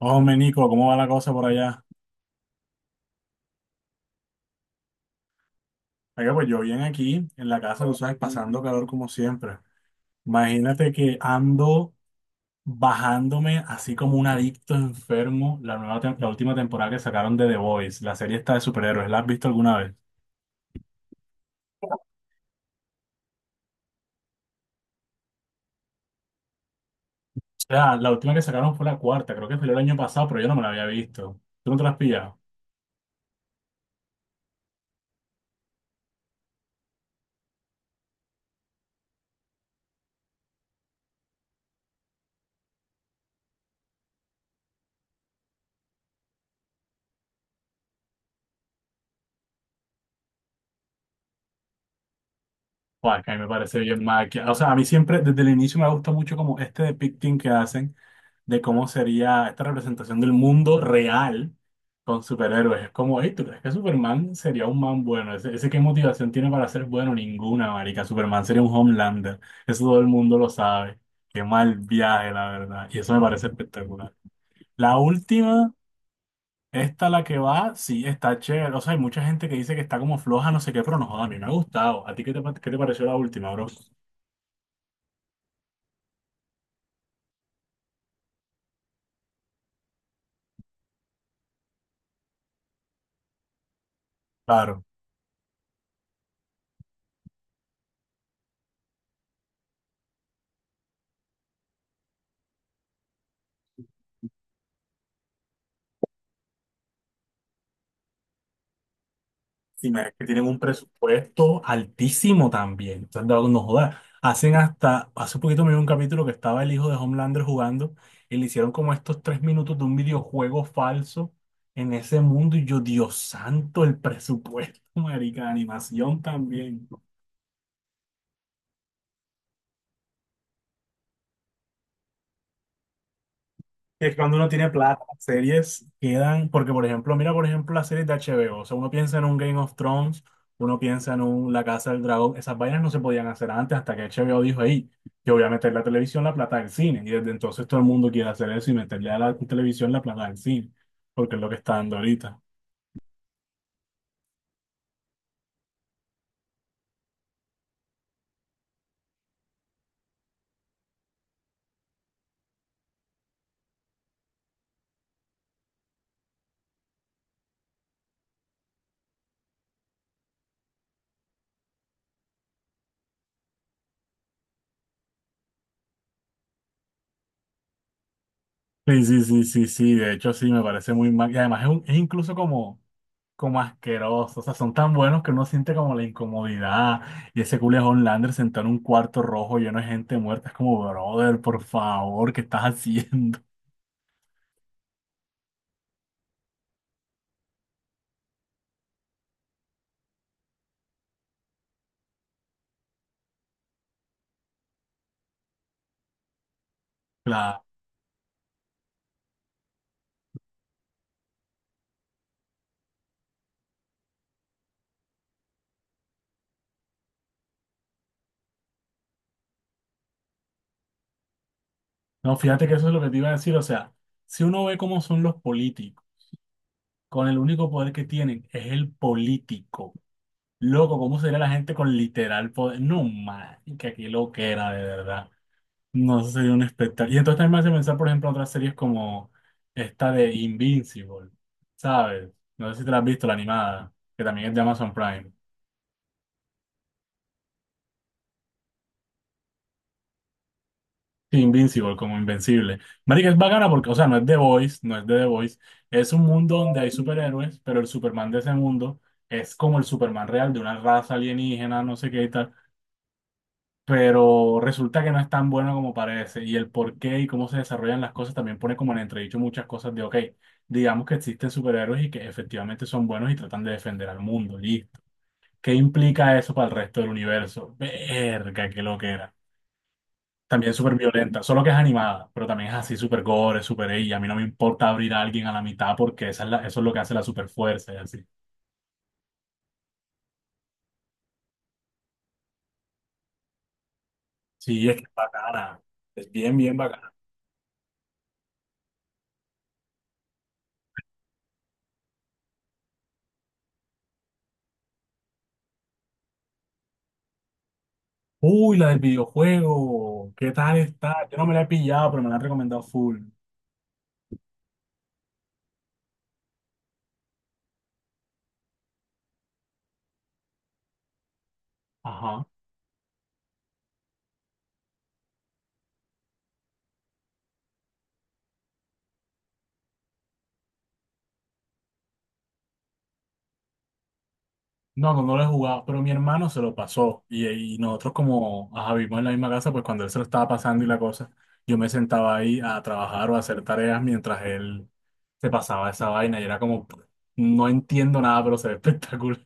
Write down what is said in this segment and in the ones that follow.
Hombre, Nico, ¿cómo va la cosa por allá? Oiga, pues yo bien aquí en la casa, tú sabes, pasando calor como siempre. Imagínate que ando bajándome así como un adicto enfermo la última temporada que sacaron de The Boys, la serie esta de superhéroes. ¿La has visto alguna vez? O sea, la última que sacaron fue la cuarta, creo que fue el año pasado, pero yo no me la había visto. ¿Tú no te la has pillado? Pues que a mí me parece bien mal. O sea, a mí siempre, desde el inicio me gusta mucho como este depicting que hacen de cómo sería esta representación del mundo real con superhéroes. Es como, hey, ¿tú crees que Superman sería un man bueno? ¿Ese qué motivación tiene para ser bueno? Ninguna, marica. Superman sería un Homelander. Eso todo el mundo lo sabe. Qué mal viaje, la verdad. Y eso me parece espectacular. La última, esta la que va, sí, está chévere. O sea, hay mucha gente que dice que está como floja, no sé qué, pero no joda, a mí me ha gustado. ¿A ti qué te, qué te pareció la última, bro? Claro. Sí, marica, que tienen un presupuesto altísimo también. Entonces, no, no jodas. Hacen hasta, hace poquito me vi un capítulo que estaba el hijo de Homelander jugando y le hicieron como estos 3 minutos de un videojuego falso en ese mundo. Y yo, Dios santo, el presupuesto, marica, de animación también. Que cuando uno tiene plata, las series quedan, porque por ejemplo, mira por ejemplo las series de HBO, o sea, uno piensa en un Game of Thrones, uno piensa en un La Casa del Dragón, esas vainas no se podían hacer antes hasta que HBO dijo, hey, yo voy a meter la televisión la plata del cine, y desde entonces todo el mundo quiere hacer eso y meterle a la televisión la plata del cine, porque es lo que está dando ahorita. Sí, sí, sí, sí, sí, de hecho sí, me parece muy mal, y además es, es incluso como como asquerosos, o sea, son tan buenos que uno siente como la incomodidad. Y ese Julian Lander sentado en un cuarto rojo lleno de gente muerta, es como, brother, por favor, ¿qué estás haciendo? Claro. No, fíjate que eso es lo que te iba a decir, o sea, si uno ve cómo son los políticos, con el único poder que tienen es el político. Loco, ¿cómo sería la gente con literal poder? No, man, que aquí lo que era, de verdad. No, eso sería un espectáculo. Y entonces también me hace pensar, por ejemplo, en otras series como esta de Invincible, ¿sabes? No sé si te la has visto, la animada, que también es de Amazon Prime. Sí, Invincible, como Invencible. Marica, es bacana porque, o sea, no es The Voice, no es de The Voice. Es un mundo donde hay superhéroes, pero el Superman de ese mundo es como el Superman real de una raza alienígena, no sé qué y tal. Pero resulta que no es tan bueno como parece. Y el por qué y cómo se desarrollan las cosas también pone como en entredicho muchas cosas de, ok, digamos que existen superhéroes y que efectivamente son buenos y tratan de defender al mundo, listo. ¿Qué implica eso para el resto del universo? Verga, qué loquera. También súper violenta, solo que es animada, pero también es así súper gore, súper ella. Y a mí no me importa abrir a alguien a la mitad porque eso es lo que hace la superfuerza y así. Sí, es que es bacana. Es bien, bien bacana. Uy, la del videojuego. ¿Qué tal está? Yo no me la he pillado, pero me la han recomendado full. Ajá. No, no, no lo he jugado, pero mi hermano se lo pasó. Y nosotros como ajá, vivimos en la misma casa, pues cuando él se lo estaba pasando y la cosa, yo me sentaba ahí a trabajar o a hacer tareas mientras él se pasaba esa vaina. Y era como, no entiendo nada, pero se ve espectacular.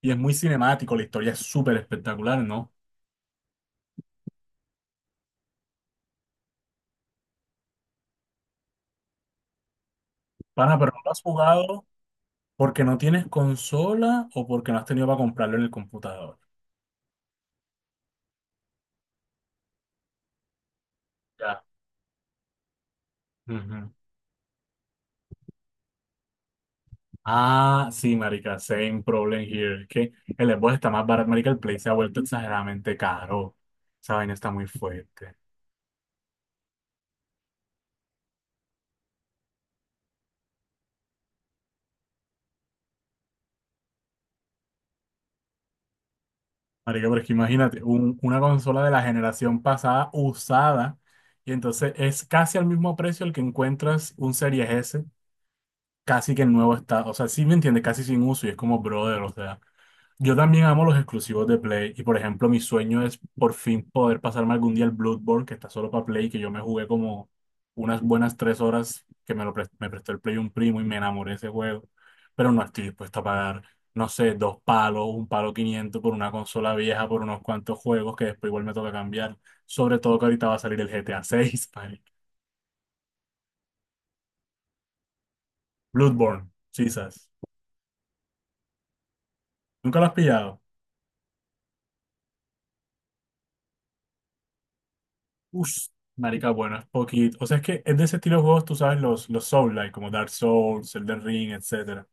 Y es muy cinemático, la historia es súper espectacular, ¿no? Pana, pero no lo has jugado porque no tienes consola o porque no has tenido para comprarlo en el computador. Ujú. Ah, sí, marica, same problem here. Es que el Xbox está más barato, marica, el Play se ha vuelto exageradamente caro. Esa vaina está muy fuerte. Marica, pero es que imagínate, una consola de la generación pasada usada, y entonces es casi al mismo precio el que encuentras un Series S, casi que en nuevo estado. O sea, sí me entiendes, casi sin uso, y es como brother, o sea. Yo también amo los exclusivos de Play y por ejemplo mi sueño es por fin poder pasarme algún día el Bloodborne que está solo para Play, que yo me jugué como unas buenas 3 horas que me lo pres- me prestó el Play un primo y me enamoré de ese juego, pero no estoy dispuesto a pagar, no sé, dos palos, un palo 500 por una consola vieja, por unos cuantos juegos que después igual me toca cambiar, sobre todo que ahorita va a salir el GTA 6. Bloodborne, Jesus, ¿nunca lo has pillado? Ush, marica, bueno, es poquito. O sea, es que es de ese estilo de juegos, tú sabes, los Souls-like, como Dark Souls, Elden Ring, etcétera.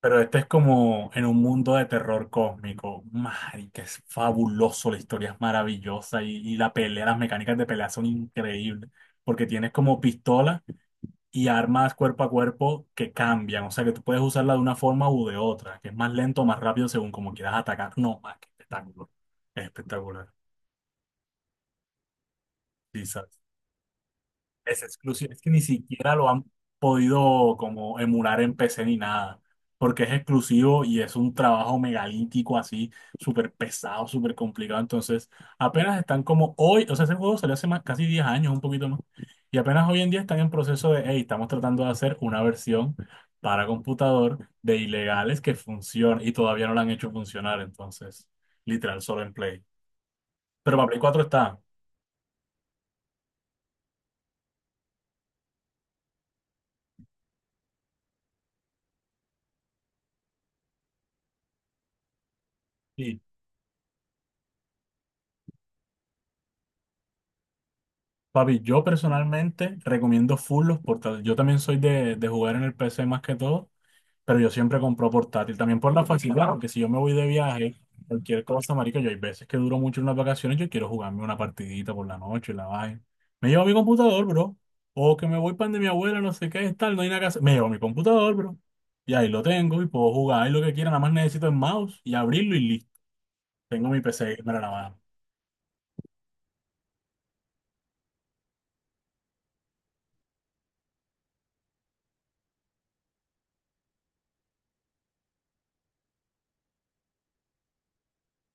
Pero este es como en un mundo de terror cósmico. Marica, es fabuloso, la historia es maravillosa y la pelea, las mecánicas de pelea son increíbles. Porque tienes como pistola y armas cuerpo a cuerpo que cambian. O sea, que tú puedes usarla de una forma u de otra, que es más lento o más rápido según como quieras atacar. No, más que espectáculo. Es espectacular. Sí, es exclusivo, es que ni siquiera lo han podido como emular en PC ni nada, porque es exclusivo y es un trabajo megalítico así, súper pesado, súper complicado, entonces apenas están como hoy, o sea, ese juego salió hace más, casi 10 años, un poquito más, y apenas hoy en día están en proceso de, hey, estamos tratando de hacer una versión para computador de ilegales que funcione, y todavía no la han hecho funcionar, entonces, literal, solo en Play. Pero para Play 4 está. Sí, papi, yo personalmente recomiendo full los portátiles. Yo también soy de jugar en el PC más que todo, pero yo siempre compro portátil. También por la facilidad, porque si yo me voy de viaje, cualquier cosa, marica, yo hay veces que duro mucho en las vacaciones, yo quiero jugarme una partidita por la noche, la vaina. Me llevo mi computador, bro. O que me voy para de mi abuela, no sé qué, tal, no hay nada que hacer. Me llevo mi computador, bro. Y ahí lo tengo y puedo jugar ahí lo que quiera. Nada más necesito el mouse y abrirlo y listo. Tengo mi PC gamer a la mano.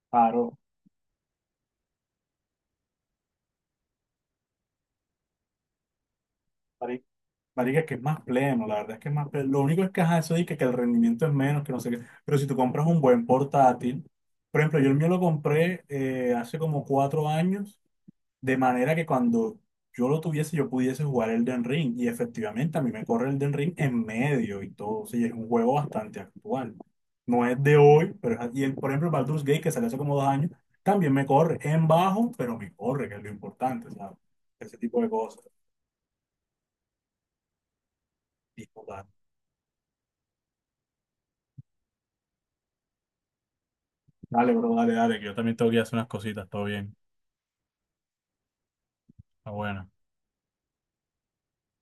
Claro, marica, que es más pleno, la verdad es que es más pleno. Lo único es que ajá, eso dice que el rendimiento es menos, que no sé qué. Pero si tú compras un buen portátil, por ejemplo, yo el mío lo compré hace como 4 años, de manera que cuando yo lo tuviese, yo pudiese jugar Elden Ring. Y efectivamente, a mí me corre Elden Ring en medio y todo. Sí, es un juego bastante actual. No es de hoy, pero es, y el, por ejemplo, el Baldur's Gate, que salió hace como 2 años, también me corre en bajo, pero me corre, que es lo importante, ¿sabes? Ese tipo de cosas. Dale, bro, dale, dale, que yo también tengo que ir a hacer unas cositas, todo bien. Está bueno.